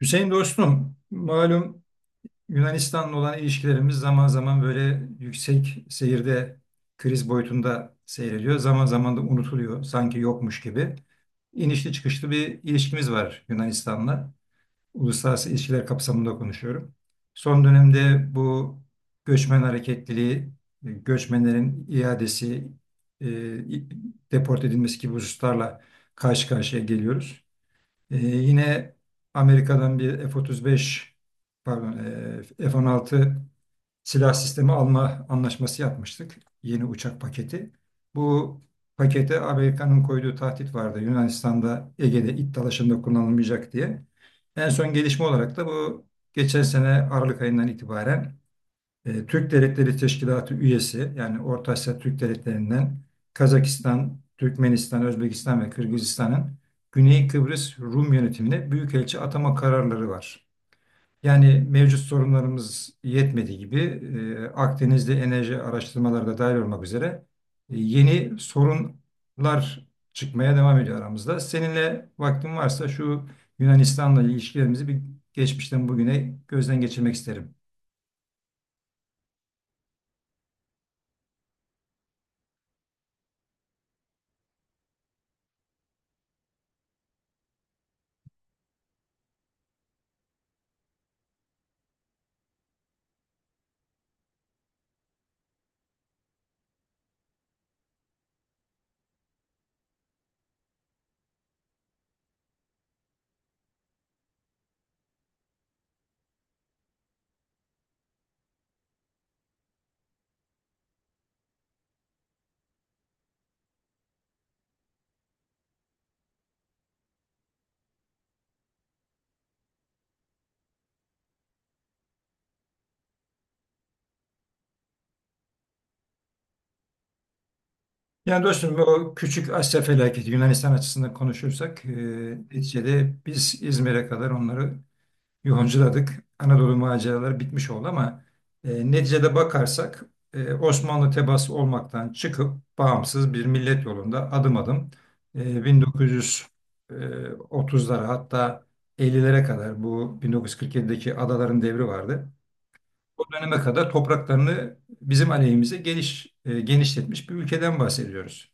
Hüseyin dostum, malum Yunanistan'la olan ilişkilerimiz zaman zaman böyle yüksek seyirde kriz boyutunda seyrediyor. Zaman zaman da unutuluyor, sanki yokmuş gibi. İnişli çıkışlı bir ilişkimiz var Yunanistan'la. Uluslararası ilişkiler kapsamında konuşuyorum. Son dönemde bu göçmen hareketliliği, göçmenlerin iadesi, e, deport edilmesi gibi hususlarla karşı karşıya geliyoruz. Yine Amerika'dan bir F-35, pardon, F-16 silah sistemi alma anlaşması yapmıştık. Yeni uçak paketi. Bu pakete Amerika'nın koyduğu tahdit vardı. Yunanistan'da Ege'de it dalaşında kullanılmayacak diye. En son gelişme olarak da bu geçen sene Aralık ayından itibaren Türk Devletleri Teşkilatı üyesi yani Orta Asya Türk Devletleri'nden Kazakistan, Türkmenistan, Özbekistan ve Kırgızistan'ın Güney Kıbrıs Rum yönetimine büyükelçi atama kararları var. Yani mevcut sorunlarımız yetmediği gibi Akdeniz'de enerji araştırmaları da dahil olmak üzere yeni sorunlar çıkmaya devam ediyor aramızda. Seninle vaktin varsa şu Yunanistan'la ilişkilerimizi bir geçmişten bugüne gözden geçirmek isterim. Yani dostum o küçük Asya felaketi Yunanistan açısından konuşursak neticede biz İzmir'e kadar onları yoğunculadık. Anadolu maceraları bitmiş oldu ama neticede bakarsak Osmanlı tebaası olmaktan çıkıp bağımsız bir millet yolunda adım adım 1930'lara, hatta 50'lere kadar, bu 1947'deki adaların devri vardı. O döneme kadar topraklarını bizim aleyhimize genişletmiş bir ülkeden bahsediyoruz.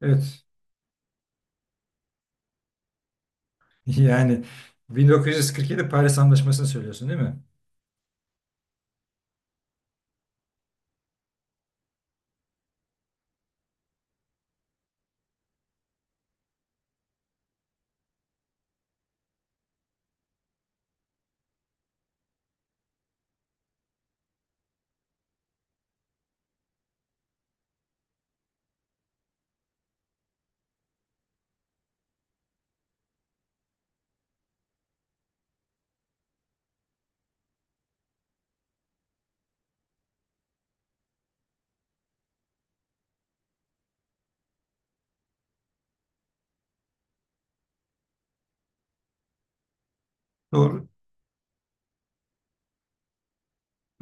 Evet. Yani 1947 Paris Anlaşması'nı söylüyorsun değil mi? Doğru.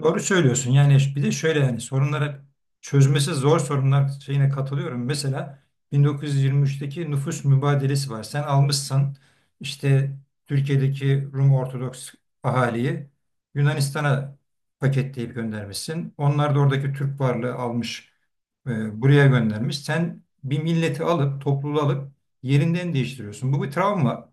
Doğru söylüyorsun. Yani bir de şöyle, yani sorunlara, çözmesi zor sorunlar şeyine katılıyorum. Mesela 1923'teki nüfus mübadelesi var. Sen almışsın işte Türkiye'deki Rum Ortodoks ahaliyi Yunanistan'a paketleyip göndermişsin. Onlar da oradaki Türk varlığı almış, buraya göndermiş. Sen bir milleti alıp topluluğu alıp yerinden değiştiriyorsun. Bu bir travma.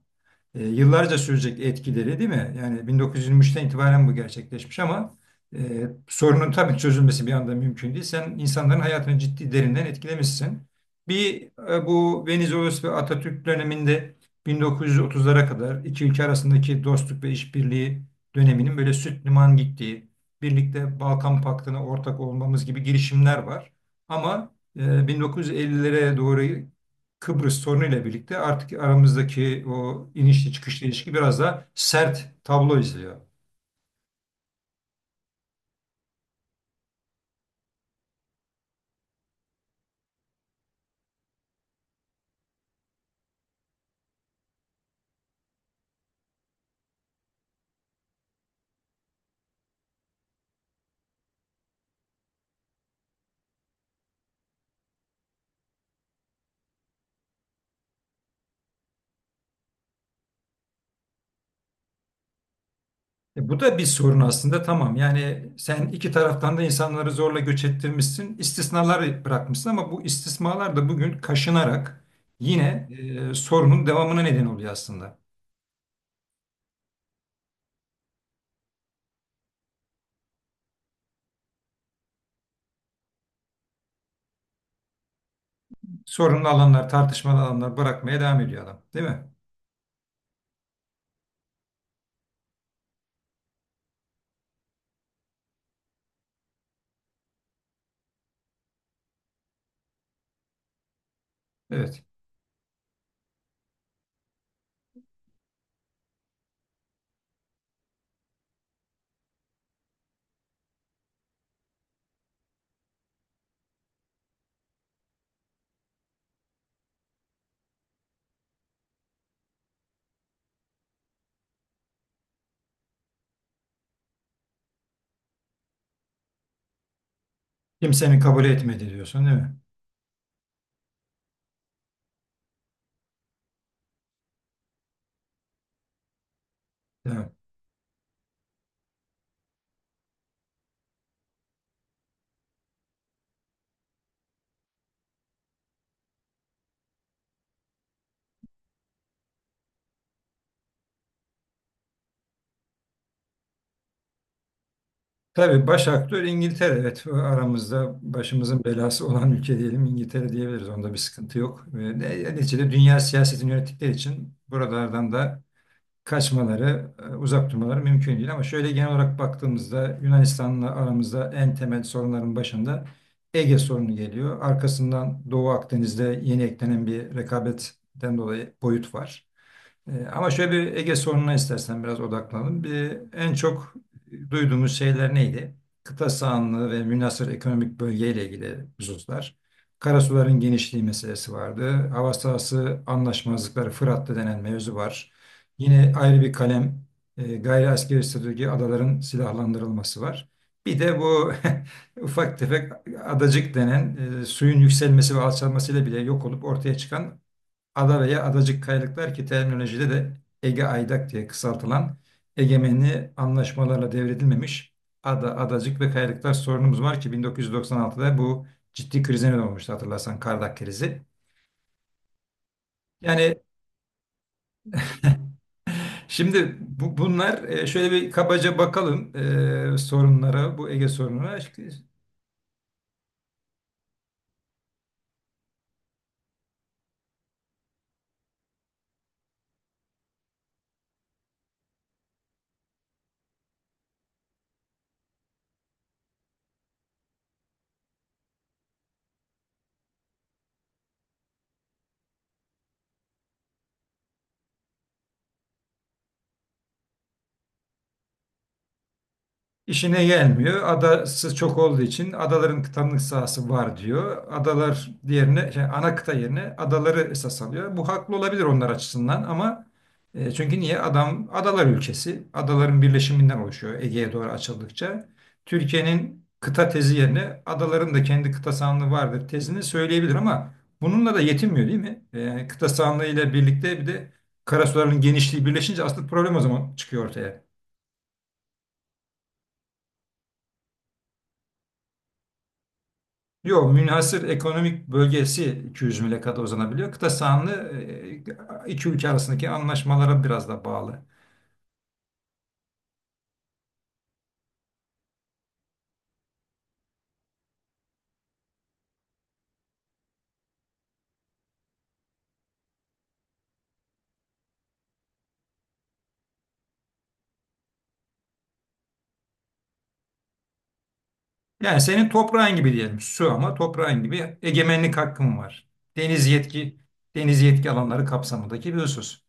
Yıllarca sürecek etkileri değil mi? Yani 1923'ten itibaren bu gerçekleşmiş ama sorunun tabii çözülmesi bir anda mümkün değil. Sen insanların hayatını ciddi derinden etkilemişsin. Bir Bu Venizelos ve Atatürk döneminde 1930'lara kadar iki ülke arasındaki dostluk ve işbirliği döneminin böyle süt liman gittiği, birlikte Balkan Paktı'na ortak olmamız gibi girişimler var. Ama 1950'lere doğru Kıbrıs sorunuyla birlikte artık aramızdaki o inişli çıkışlı ilişki biraz daha sert tablo izliyor. E bu da bir sorun aslında, tamam. Yani sen iki taraftan da insanları zorla göç ettirmişsin, istisnalar bırakmışsın, ama bu istisnalar da bugün kaşınarak yine sorunun devamına neden oluyor aslında. Sorunlu alanlar, tartışmalı alanlar bırakmaya devam ediyor adam, değil mi? Evet. Kimsenin kabul etmedi diyorsun, değil mi? Evet. Tabii baş aktör İngiltere. Evet, aramızda başımızın belası olan ülke diyelim, İngiltere diyebiliriz. Onda bir sıkıntı yok. Neticede dünya siyasetini yönettikleri için buralardan da kaçmaları, uzak durmaları mümkün değil. Ama şöyle genel olarak baktığımızda Yunanistan'la aramızda en temel sorunların başında Ege sorunu geliyor. Arkasından Doğu Akdeniz'de yeni eklenen bir rekabetten dolayı boyut var. Ama şöyle bir Ege sorununa istersen biraz odaklanalım. Bir, en çok duyduğumuz şeyler neydi? Kıta sahanlığı ve münhasır ekonomik bölgeyle ilgili hususlar. Karasuların genişliği meselesi vardı. Hava sahası anlaşmazlıkları Fırat'ta denen mevzu var. Yine ayrı bir kalem gayri askeri statüdeki adaların silahlandırılması var. Bir de bu ufak tefek adacık denen, suyun yükselmesi ve alçalmasıyla bile yok olup ortaya çıkan Ada veya Adacık Kayalıklar, ki terminolojide de Ege Aydak diye kısaltılan, egemenliği anlaşmalarla devredilmemiş ada, adacık ve kayalıklar sorunumuz var ki 1996'da bu ciddi krize neden olmuştu, hatırlarsan Kardak krizi. Yani şimdi bunlar, şöyle bir kabaca bakalım sorunlara, bu Ege sorununa. İşine gelmiyor. Adası çok olduğu için adaların tanınık sahası var diyor. Adalar ana kıta yerine adaları esas alıyor. Bu haklı olabilir onlar açısından ama çünkü niye? Adam adalar ülkesi. Adaların birleşiminden oluşuyor Ege'ye doğru açıldıkça. Türkiye'nin kıta tezi yerine adaların da kendi kıta sahanlığı vardır tezini söyleyebilir ama bununla da yetinmiyor değil mi? E, kıta sahanlığı ile birlikte bir de karasuların genişliği birleşince asıl problem o zaman çıkıyor ortaya. Yok, münhasır ekonomik bölgesi 200 mile kadar uzanabiliyor. Kıta sahanlığı iki ülke arasındaki anlaşmalara biraz da bağlı. Yani senin toprağın gibi diyelim su, ama toprağın gibi egemenlik hakkın var. Deniz yetki Deniz yetki alanları kapsamındaki bir husus.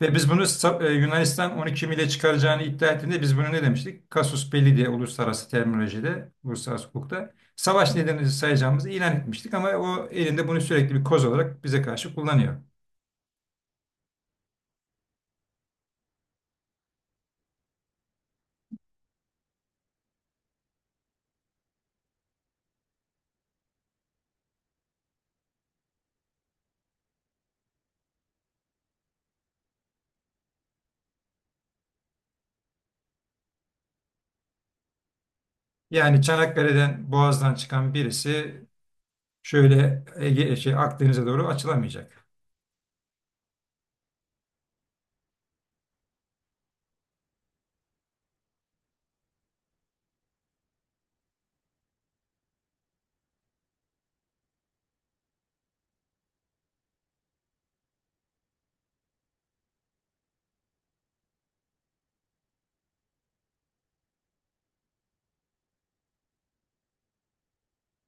Ve biz bunu Yunanistan 12 mile çıkaracağını iddia ettiğinde biz bunu ne demiştik? Kasus belli diye uluslararası terminolojide, uluslararası hukukta savaş nedeni sayacağımızı ilan etmiştik, ama o elinde bunu sürekli bir koz olarak bize karşı kullanıyor. Yani Çanakkale'den Boğaz'dan çıkan birisi şöyle Akdeniz'e doğru açılamayacak.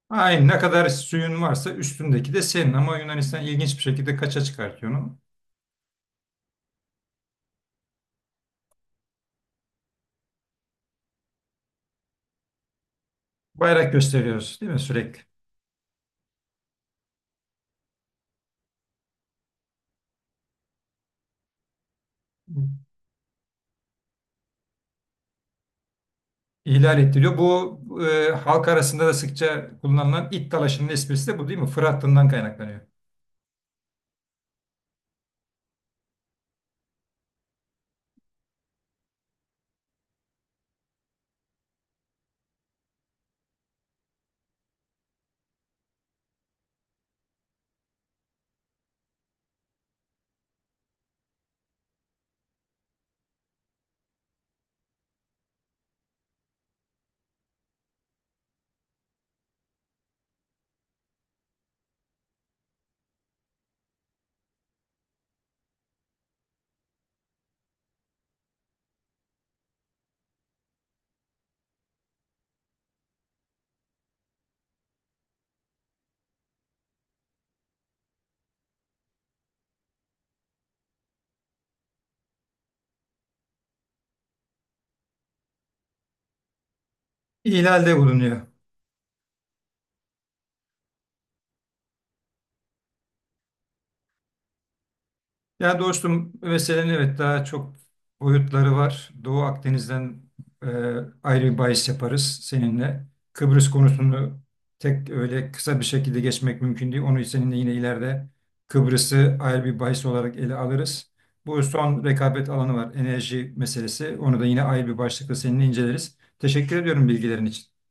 Aynı, ne kadar suyun varsa üstündeki de senin, ama Yunanistan ilginç bir şekilde kaça çıkartıyor onu. Bayrak gösteriyoruz değil mi sürekli? İhlal ettiriyor. Bu halk arasında da sıkça kullanılan it dalaşının esprisi de bu değil mi? Fırat Dını'ndan kaynaklanıyor. İhlalde bulunuyor. Ya dostum, meselenin evet daha çok boyutları var. Doğu Akdeniz'den e, ayrı bir bahis yaparız seninle. Kıbrıs konusunu tek öyle kısa bir şekilde geçmek mümkün değil. Onu seninle yine ileride, Kıbrıs'ı ayrı bir bahis olarak ele alırız. Bu son rekabet alanı var, enerji meselesi. Onu da yine ayrı bir başlıkla seninle inceleriz. Teşekkür ediyorum bilgilerin için.